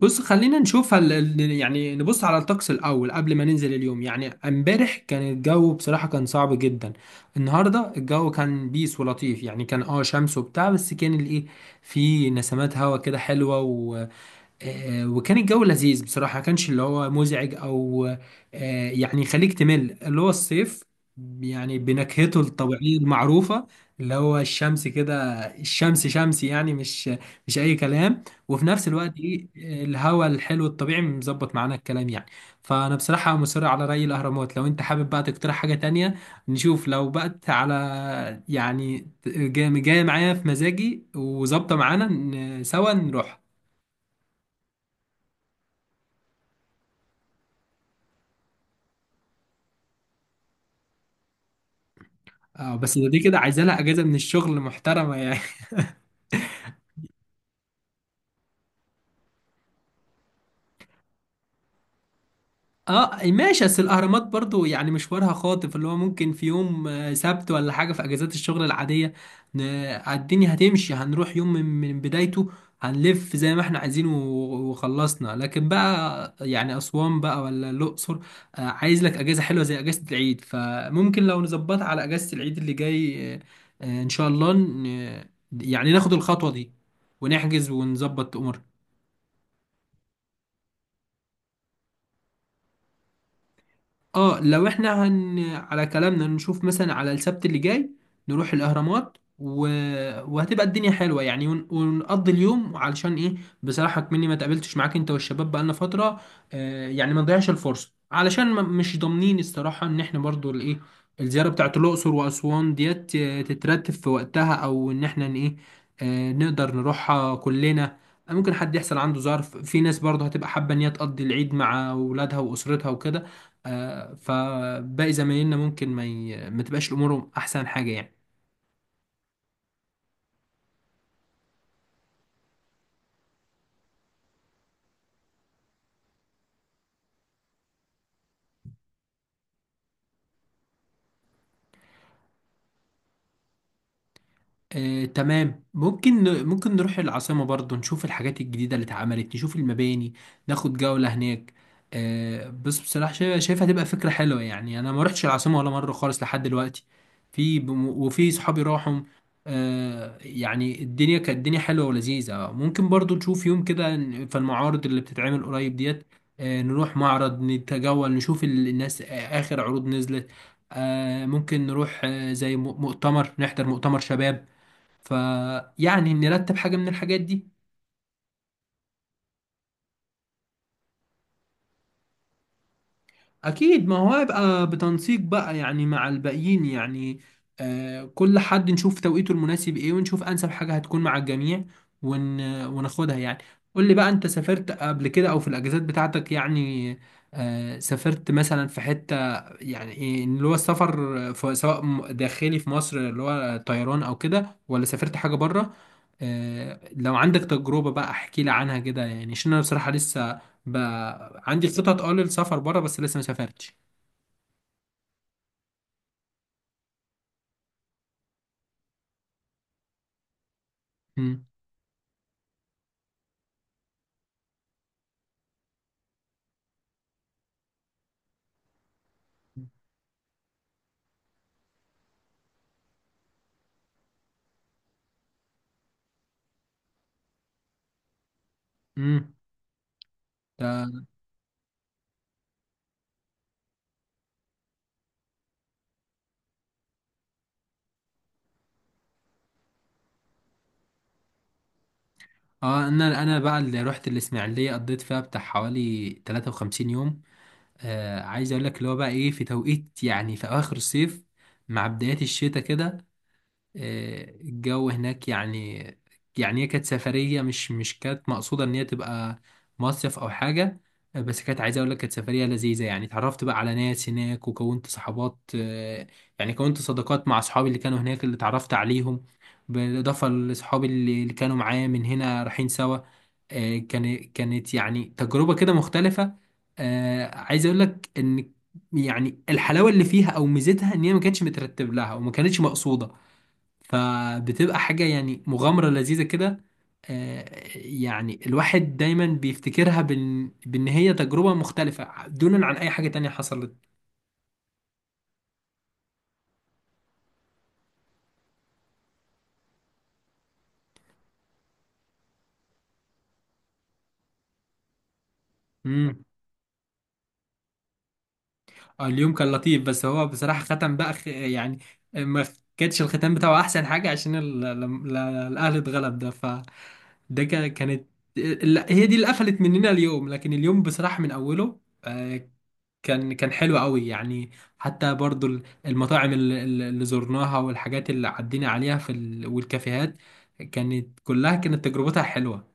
بص، خلينا نشوف يعني نبص على الطقس الأول قبل ما ننزل اليوم. يعني امبارح كان الجو بصراحة كان صعب جدا. النهاردة الجو كان بيس ولطيف، يعني كان شمس وبتاع، بس كان الايه، في نسمات هوا كده حلوة وكان الجو لذيذ بصراحة، ما كانش اللي هو مزعج أو، يعني يخليك تمل اللي هو الصيف، يعني بنكهته الطبيعية المعروفة، اللي هو الشمس كده. الشمس شمسي يعني، مش أي كلام، وفي نفس الوقت إيه، الهواء الحلو الطبيعي مظبط معانا الكلام يعني. فأنا بصراحة مصر على رأي الأهرامات، لو أنت حابب بقى تقترح حاجة تانية نشوف. لو بقت على يعني جاي معايا في مزاجي وظابطة معانا، سوا نروح. اه بس دي كده عايزه لها اجازه من الشغل محترمه يعني. اه ماشي، بس الاهرامات برضو يعني مشوارها خاطف، اللي هو ممكن في يوم سبت ولا حاجه في اجازات الشغل العاديه. الدنيا هتمشي، هنروح يوم من بدايته، هنلف زي ما احنا عايزين وخلصنا. لكن بقى يعني اسوان بقى ولا الاقصر، عايز لك اجازه حلوه زي اجازه العيد. فممكن لو نظبطها على اجازه العيد اللي جاي، ان شاء الله يعني ناخد الخطوه دي ونحجز ونظبط امورنا. اه لو احنا على كلامنا، نشوف مثلا على السبت اللي جاي نروح الاهرامات وهتبقى الدنيا حلوه يعني، ونقضي اليوم، علشان ايه، بصراحه كمني ما تقابلتش معاك انت والشباب بقالنا فتره. يعني ما نضيعش الفرصه، علشان ما... مش ضامنين الصراحه ان احنا برضو الايه الزياره بتاعت الاقصر واسوان ديت تترتب في وقتها، او ان احنا ايه، نقدر نروحها كلنا. ممكن حد يحصل عنده ظرف، في ناس برضه هتبقى حابه ان هي تقضي العيد مع اولادها واسرتها وكده. فباقي زمايلنا ممكن ما تبقاش امورهم احسن حاجه يعني. تمام، ممكن نروح العاصمة برضو، نشوف الحاجات الجديدة اللي اتعملت، نشوف المباني، ناخد جولة هناك. بس بصراحة شايفها تبقى فكرة حلوة يعني، أنا ما رحتش العاصمة ولا مرة خالص لحد دلوقتي. وفي صحابي راحوا، يعني الدنيا كانت، الدنيا حلوة ولذيذة. ممكن برضو نشوف يوم كده، في المعارض اللي بتتعمل قريب ديت، نروح معرض نتجول، نشوف الناس آخر عروض نزلت. ممكن نروح زي مؤتمر، نحضر مؤتمر شباب، فيعني نرتب حاجة من الحاجات دي. أكيد، ما هو هيبقى بتنسيق بقى يعني مع الباقيين يعني. كل حد نشوف توقيته المناسب إيه، ونشوف أنسب حاجة هتكون مع الجميع وناخدها يعني. قول لي بقى، أنت سافرت قبل كده أو في الأجازات بتاعتك يعني، سافرت مثلا في حتة يعني، إيه اللي هو السفر، في سواء داخلي في مصر، اللي هو طيران أو كده، ولا سافرت حاجة بره؟ لو عندك تجربة بقى احكي لي عنها كده، يعني عشان انا بصراحة لسه بقى عندي خطط للسفر بره، بس لسه ما سافرتش. مم. مم. ده اه، انا بقى اللي رحت الاسماعيلية قضيت فيها بتاع حوالي 53 يوم. عايز اقول لك، اللي هو بقى ايه، في توقيت يعني في اواخر الصيف مع بدايات الشتاء كده. الجو هناك يعني، يعني هي كانت سفرية، مش كانت مقصودة إن هي تبقى مصيف أو حاجة. بس كانت، عايز أقول لك، كانت سفرية لذيذة يعني، اتعرفت بقى على ناس هناك وكونت صحابات. يعني كونت صداقات مع أصحابي اللي كانوا هناك، اللي اتعرفت عليهم، بالإضافة لأصحابي اللي كانوا معايا من هنا رايحين سوا. كانت يعني تجربة كده مختلفة. عايز أقول لك إن يعني الحلاوة اللي فيها أو ميزتها إن هي ما كانتش مترتب لها وما كانتش مقصودة، فبتبقى حاجة يعني مغامرة لذيذة كده. آه، يعني الواحد دايما بيفتكرها بان هي تجربة مختلفة دونا عن اي حاجة تانية حصلت. امم اليوم كان لطيف، بس هو بصراحة ختم بقى يعني، ما كانتش الختام بتاعه احسن حاجة عشان ال... لم- ل- الاهلي اتغلب ده، فده كانت، هي دي اللي قفلت مننا اليوم. لكن اليوم بصراحة من اوله، آه، كان حلو قوي يعني. حتى برضو المطاعم اللي زرناها، والحاجات اللي عدينا عليها والكافيهات، كانت كلها كانت تجربتها حلوة.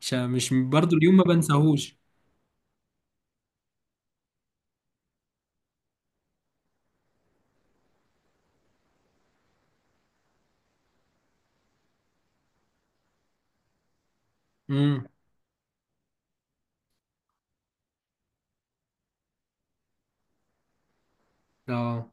مش برضو اليوم ما بنساهوش. امم اه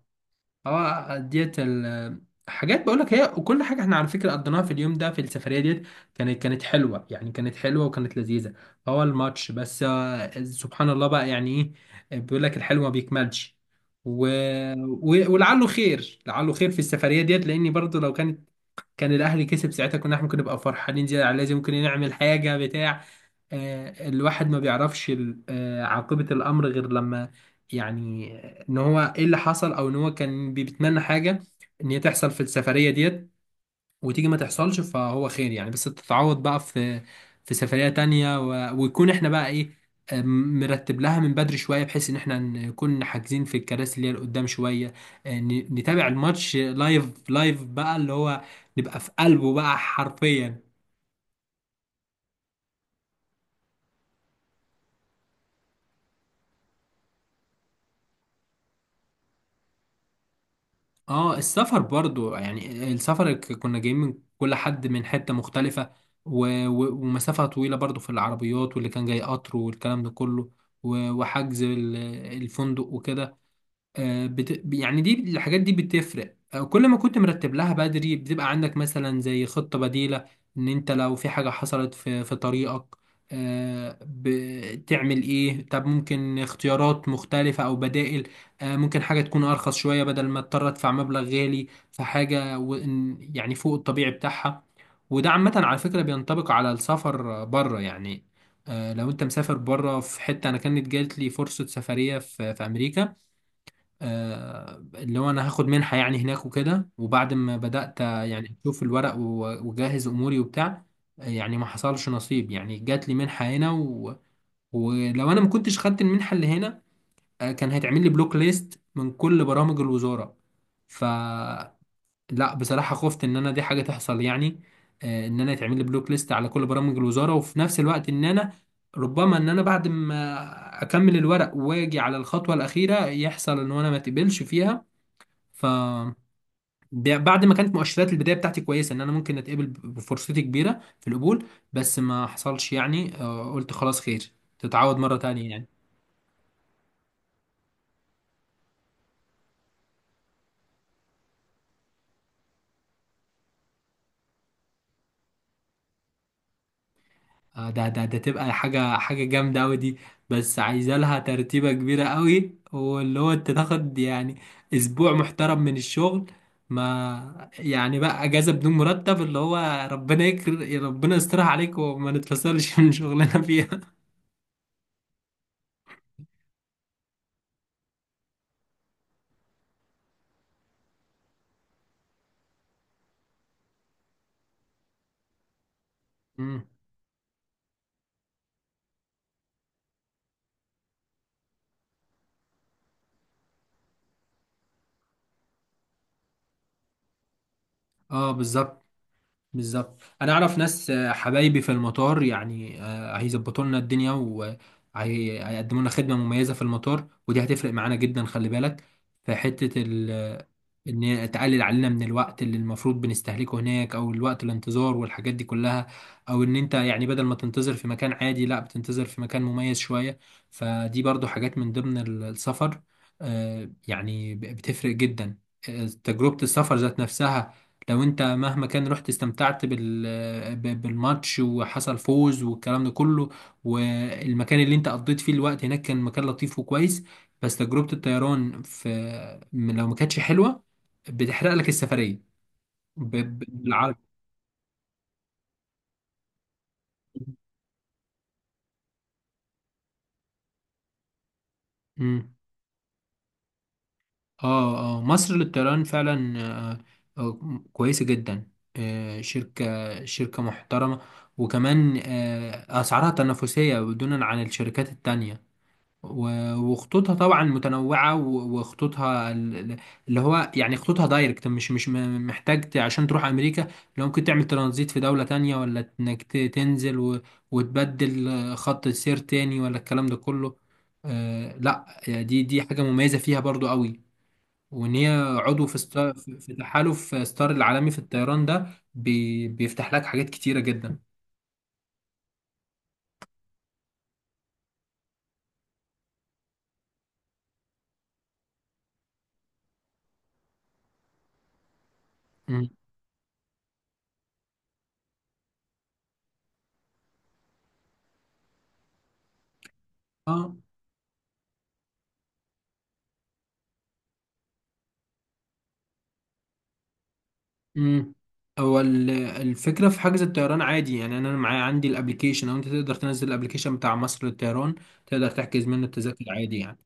اه، ديت حاجات بقول لك، هي وكل حاجه احنا على فكره قضيناها في اليوم ده في السفريه ديت، كانت حلوه يعني، كانت حلوه وكانت لذيذه. هو الماتش بس سبحان الله بقى يعني، ايه، بيقول لك الحلو ما بيكملش. و... ولعله خير، لعله خير في السفريه ديت، لاني برضو لو كان الاهلي كسب ساعتها، كنا احنا ممكن نبقى فرحانين زياده على لازم، ممكن نعمل حاجه بتاع. الواحد ما بيعرفش عاقبة الأمر غير لما، يعني إن هو إيه اللي حصل، أو إن هو كان بيتمنى حاجة إن هي تحصل في السفرية ديت، وتيجي ما تحصلش، فهو خير يعني، بس تتعوض بقى في سفرية تانية، ويكون إحنا بقى إيه، مرتب لها من بدري شوية، بحيث إن إحنا نكون حاجزين في الكراسي اللي هي قدام شوية، نتابع الماتش لايف لايف بقى، اللي هو نبقى في قلبه بقى حرفيا. اه، السفر برضو يعني السفر كنا جايين من كل حد من حتة مختلفة، و... ومسافة طويلة برضو في العربيات، واللي كان جاي قطر والكلام ده كله، وحجز الفندق وكده. يعني، دي، الحاجات دي بتفرق، كل ما كنت مرتب لها بدري بتبقى عندك مثلا زي خطة بديلة، ان انت لو في حاجة حصلت في طريقك، بتعمل ايه؟ طب ممكن اختيارات مختلفة او بدائل. ممكن حاجة تكون ارخص شوية، بدل ما اضطر ادفع مبلغ غالي في حاجة يعني فوق الطبيعي بتاعها. وده عامة على فكرة بينطبق على السفر بره يعني. لو انت مسافر بره في حتة، انا كانت جات لي فرصة سفرية في امريكا، اللي هو انا هاخد منحة يعني هناك وكده، وبعد ما بدأت يعني اشوف الورق واجهز اموري وبتاع، يعني ما حصلش نصيب يعني، جات لي منحة هنا ولو انا ما كنتش خدت المنحة اللي هنا، كان هيتعمل لي بلوك ليست من كل برامج الوزارة. ف لا بصراحة خفت ان انا دي حاجة تحصل يعني، ان انا يتعمل لي بلوك ليست على كل برامج الوزارة، وفي نفس الوقت ان انا ربما ان انا بعد ما اكمل الورق واجي على الخطوة الأخيرة يحصل ان انا ما اتقبلش فيها، ف بعد ما كانت مؤشرات البدايه بتاعتي كويسه ان انا ممكن اتقبل، بفرصتي كبيره في القبول، بس ما حصلش يعني. قلت خلاص خير، تتعود مره تانية يعني. ده ده تبقى حاجه جامده قوي دي، بس عايزه لها ترتيبه كبيره قوي، واللي هو انت تاخد يعني اسبوع محترم من الشغل، ما يعني بقى اجازه بدون مرتب، اللي هو ربنا يسترها عليك وما نتفصلش من شغلنا فيها. مم. اه بالظبط، بالظبط، انا اعرف ناس، حبايبي في المطار، يعني هيظبطوا لنا الدنيا وهيقدموا لنا خدمه مميزه في المطار، ودي هتفرق معانا جدا، خلي بالك. في حته ان هي تقلل علينا من الوقت اللي المفروض بنستهلكه هناك، او الوقت الانتظار والحاجات دي كلها، او ان انت يعني بدل ما تنتظر في مكان عادي لا بتنتظر في مكان مميز شويه. فدي برضو حاجات من ضمن السفر، يعني بتفرق جدا. تجربه السفر ذات نفسها، لو انت مهما كان رحت، استمتعت بالماتش، وحصل فوز والكلام ده كله، والمكان اللي انت قضيت فيه الوقت هناك كان مكان لطيف وكويس، بس تجربة الطيران لو ما كانتش حلوة، بتحرق لك السفرية بالعربي. مم. اه اه، مصر للطيران فعلا، كويسة جدا، شركة محترمة، وكمان أسعارها تنافسية بدون عن الشركات التانية، وخطوطها طبعا متنوعة، وخطوطها اللي هو يعني خطوطها دايركت، مش محتاج عشان تروح أمريكا لو ممكن، تعمل ترانزيت في دولة تانية، ولا إنك تنزل وتبدل خط السير تاني، ولا الكلام ده كله. لا، دي حاجة مميزة فيها برضو قوي. وإن هي عضو في تحالف ستار العالمي في الطيران ده، بيفتح لك حاجات كتيرة جدا. مم. اه. امم هو الفكره في حجز الطيران عادي يعني، انا معايا، عندي الابليكيشن، او انت تقدر تنزل الابليكيشن بتاع مصر للطيران، تقدر تحجز منه التذاكر عادي يعني.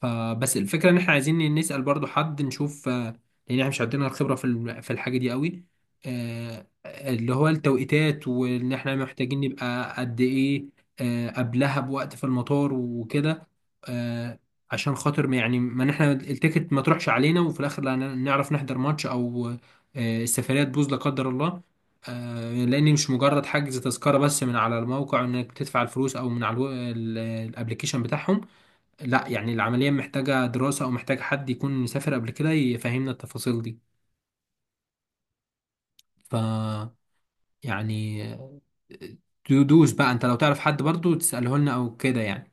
فبس الفكرة ان احنا عايزين نسأل برضو حد نشوف، لان احنا مش عندنا الخبرة في الحاجة دي قوي، اللي هو التوقيتات، وان احنا محتاجين نبقى قد ايه قبلها بوقت في المطار وكده. آه، عشان خاطر يعني، ما إن احنا التيكت ما تروحش علينا، وفي الاخر لا نعرف نحضر ماتش، او السفرية تبوظ لا قدر الله. لان مش مجرد حجز تذكرة بس من على الموقع انك تدفع الفلوس، او من على الابلكيشن بتاعهم، لا، يعني العملية محتاجة دراسة، أو محتاج حد يكون مسافر قبل كده يفهمنا التفاصيل دي. ف يعني، تدوس بقى أنت لو تعرف حد برضو تسأله لنا أو كده يعني.